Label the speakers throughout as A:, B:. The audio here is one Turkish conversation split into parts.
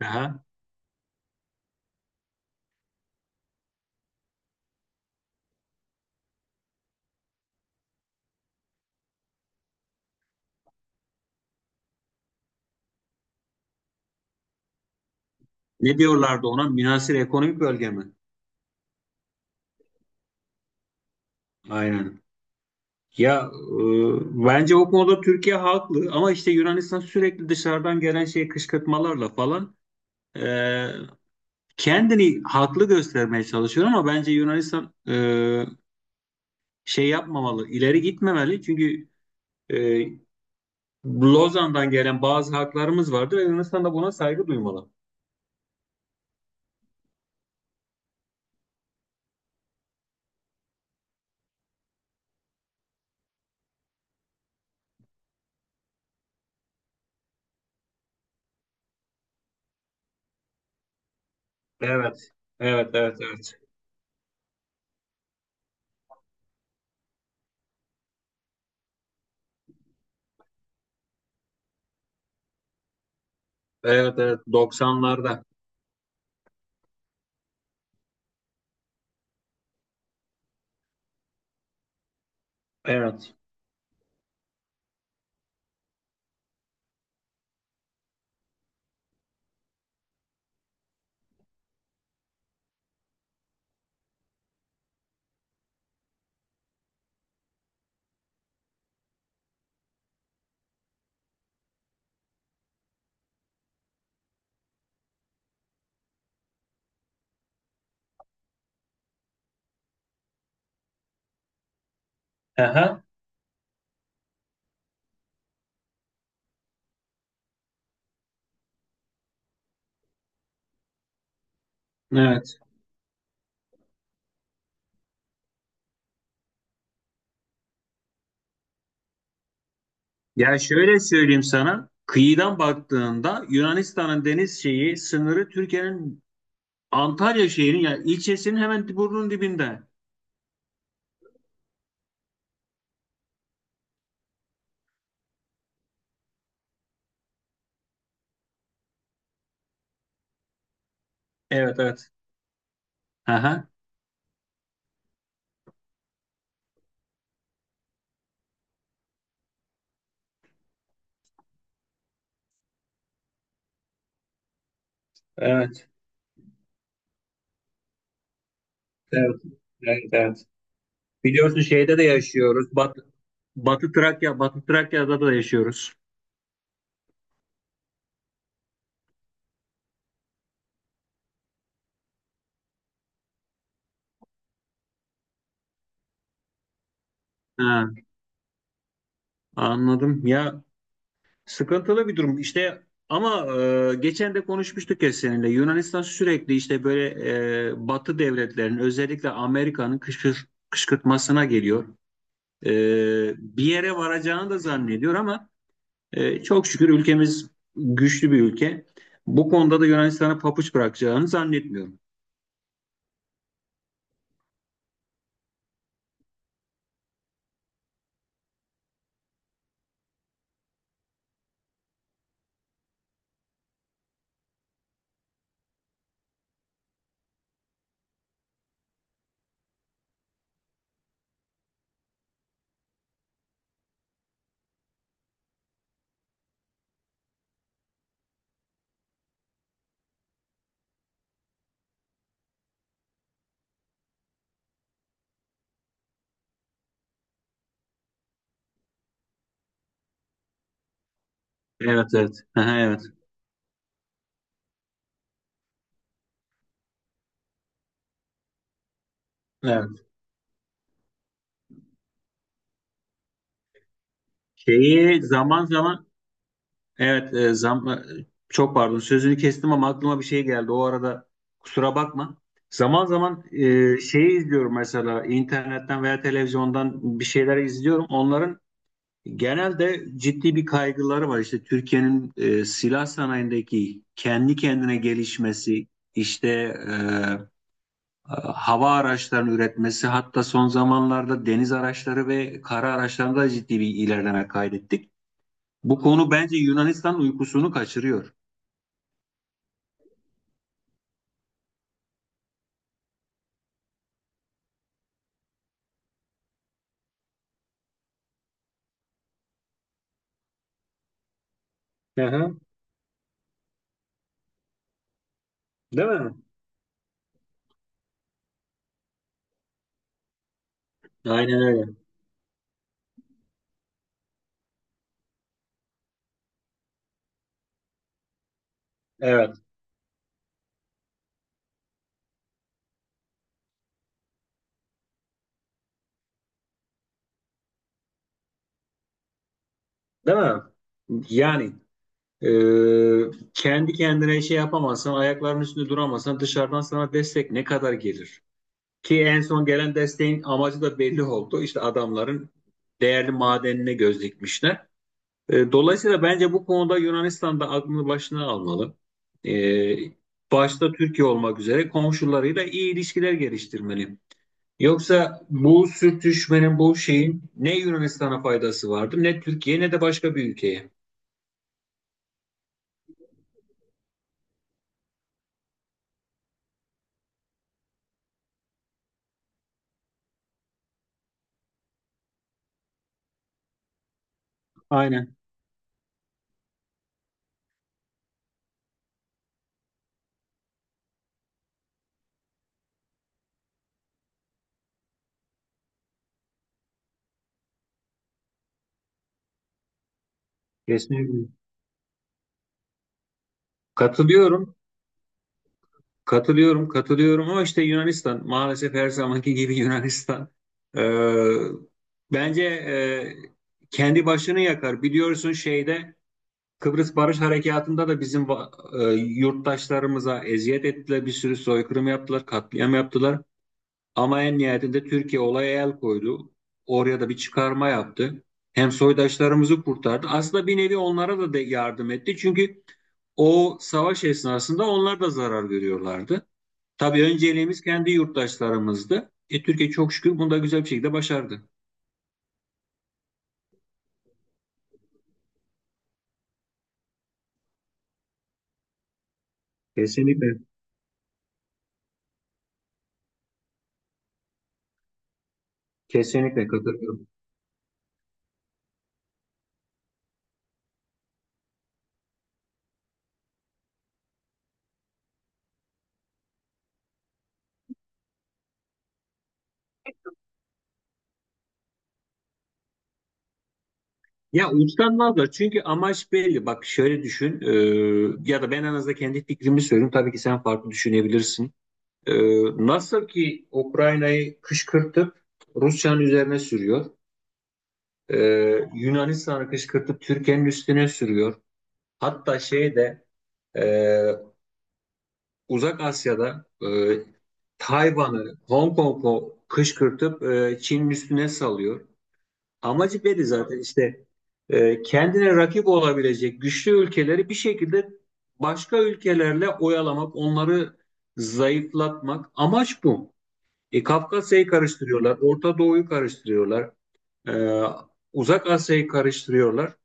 A: Aha. Ne diyorlardı ona? Münhasır ekonomik bölge mi? Aynen. Ya bence o konuda Türkiye haklı ama işte Yunanistan sürekli dışarıdan gelen şey kışkırtmalarla falan e, kendini haklı göstermeye çalışıyor ama bence Yunanistan şey yapmamalı, ileri gitmemeli çünkü e, Lozan'dan gelen bazı haklarımız vardı ve Yunanistan da buna saygı duymalı. Evet, evet, evet, evet. Evet, evet, 90'larda. Evet. Aha. Evet. Ya şöyle söyleyeyim sana, kıyıdan baktığında Yunanistan'ın deniz şeyi sınırı Türkiye'nin Antalya şehrinin ya ilçesinin hemen burnunun dibinde. Evet evet. Aha. Evet. Evet. Evet. Evet. Biliyorsun şeyde de yaşıyoruz. Batı Trakya, Batı Trakya'da da yaşıyoruz. Ha, anladım. Ya, sıkıntılı bir durum, işte, ama geçen de konuşmuştuk ya seninle. Yunanistan sürekli işte böyle Batı devletlerinin özellikle Amerika'nın kışkırtmasına geliyor. E, Bir yere varacağını da zannediyor ama çok şükür ülkemiz güçlü bir ülke. Bu konuda da Yunanistan'a papuç bırakacağını zannetmiyorum. Evet evet. Aha, evet. Evet. Şeyi zaman zaman, evet, çok pardon, sözünü kestim ama aklıma bir şey geldi. O arada kusura bakma. Zaman zaman şeyi izliyorum, mesela internetten veya televizyondan bir şeyler izliyorum. Onların genelde ciddi bir kaygıları var. İşte Türkiye'nin silah sanayindeki kendi kendine gelişmesi, işte hava araçlarının üretmesi, hatta son zamanlarda deniz araçları ve kara araçlarında ciddi bir ilerleme kaydettik. Bu konu bence Yunanistan'ın uykusunu kaçırıyor. Hı hı. Değil mi? Aynen öyle. Evet. Değil mi? Yani e, kendi kendine şey yapamazsan, ayaklarının üstünde duramazsan dışarıdan sana destek ne kadar gelir? Ki en son gelen desteğin amacı da belli oldu. İşte adamların değerli madenine göz dikmişler. Dolayısıyla bence bu konuda Yunanistan da aklını başına almalı. E, Başta Türkiye olmak üzere komşularıyla iyi ilişkiler geliştirmeli. Yoksa bu sürtüşmenin, bu şeyin ne Yunanistan'a faydası vardı, ne Türkiye ne de başka bir ülkeye. Aynen. Kesinlikle. Katılıyorum, katılıyorum, katılıyorum ama işte Yunanistan maalesef her zamanki gibi Yunanistan. Ee, Bence kendi başını yakar. Biliyorsun şeyde Kıbrıs Barış Harekatı'nda da bizim yurttaşlarımıza eziyet ettiler, bir sürü soykırım yaptılar, katliam yaptılar. Ama en nihayetinde Türkiye olaya el koydu. Oraya da bir çıkarma yaptı. Hem soydaşlarımızı kurtardı. Aslında bir nevi onlara da yardım etti. Çünkü o savaş esnasında onlar da zarar görüyorlardı. Tabii önceliğimiz kendi yurttaşlarımızdı. Türkiye çok şükür bunu da güzel bir şekilde başardı. Kesinlikle. Kesinlikle katılıyorum. Ya uçlanmazlar çünkü amaç belli. Bak şöyle düşün, ya da ben en azından kendi fikrimi söyleyeyim. Tabii ki sen farklı düşünebilirsin. Ee, Nasıl ki Ukrayna'yı kışkırtıp Rusya'nın üzerine sürüyor. Yunanistan'ı kışkırtıp Türkiye'nin üstüne sürüyor. Hatta şeyde e, Uzak Asya'da Tayvan'ı, Hong Kong'u kışkırtıp Çin'in üstüne salıyor. Amacı belli zaten, işte kendine rakip olabilecek güçlü ülkeleri bir şekilde başka ülkelerle oyalamak, onları zayıflatmak amaç bu. Kafkasya'yı karıştırıyorlar, Orta Doğu'yu karıştırıyorlar, e, Uzak Asya'yı karıştırıyorlar.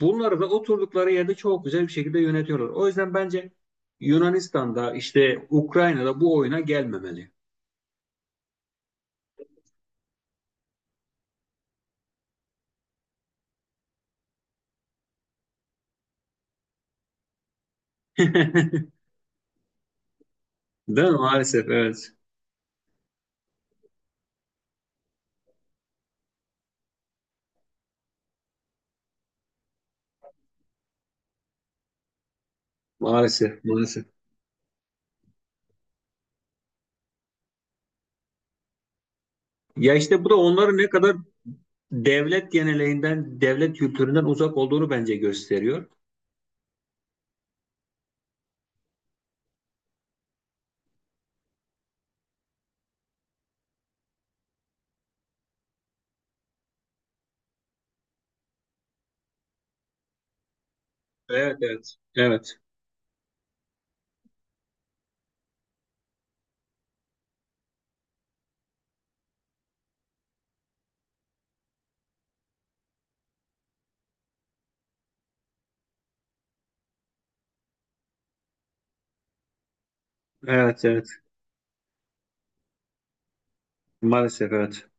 A: Bunları da oturdukları yerde çok güzel bir şekilde yönetiyorlar. O yüzden bence Yunanistan'da işte Ukrayna'da bu oyuna gelmemeli. Değil mi? Maalesef evet. Maalesef, maalesef. Ya işte bu da onların ne kadar devlet geleneğinden, devlet kültüründen uzak olduğunu bence gösteriyor. Evet evet. Evet, evet, evet. Maalesef evet.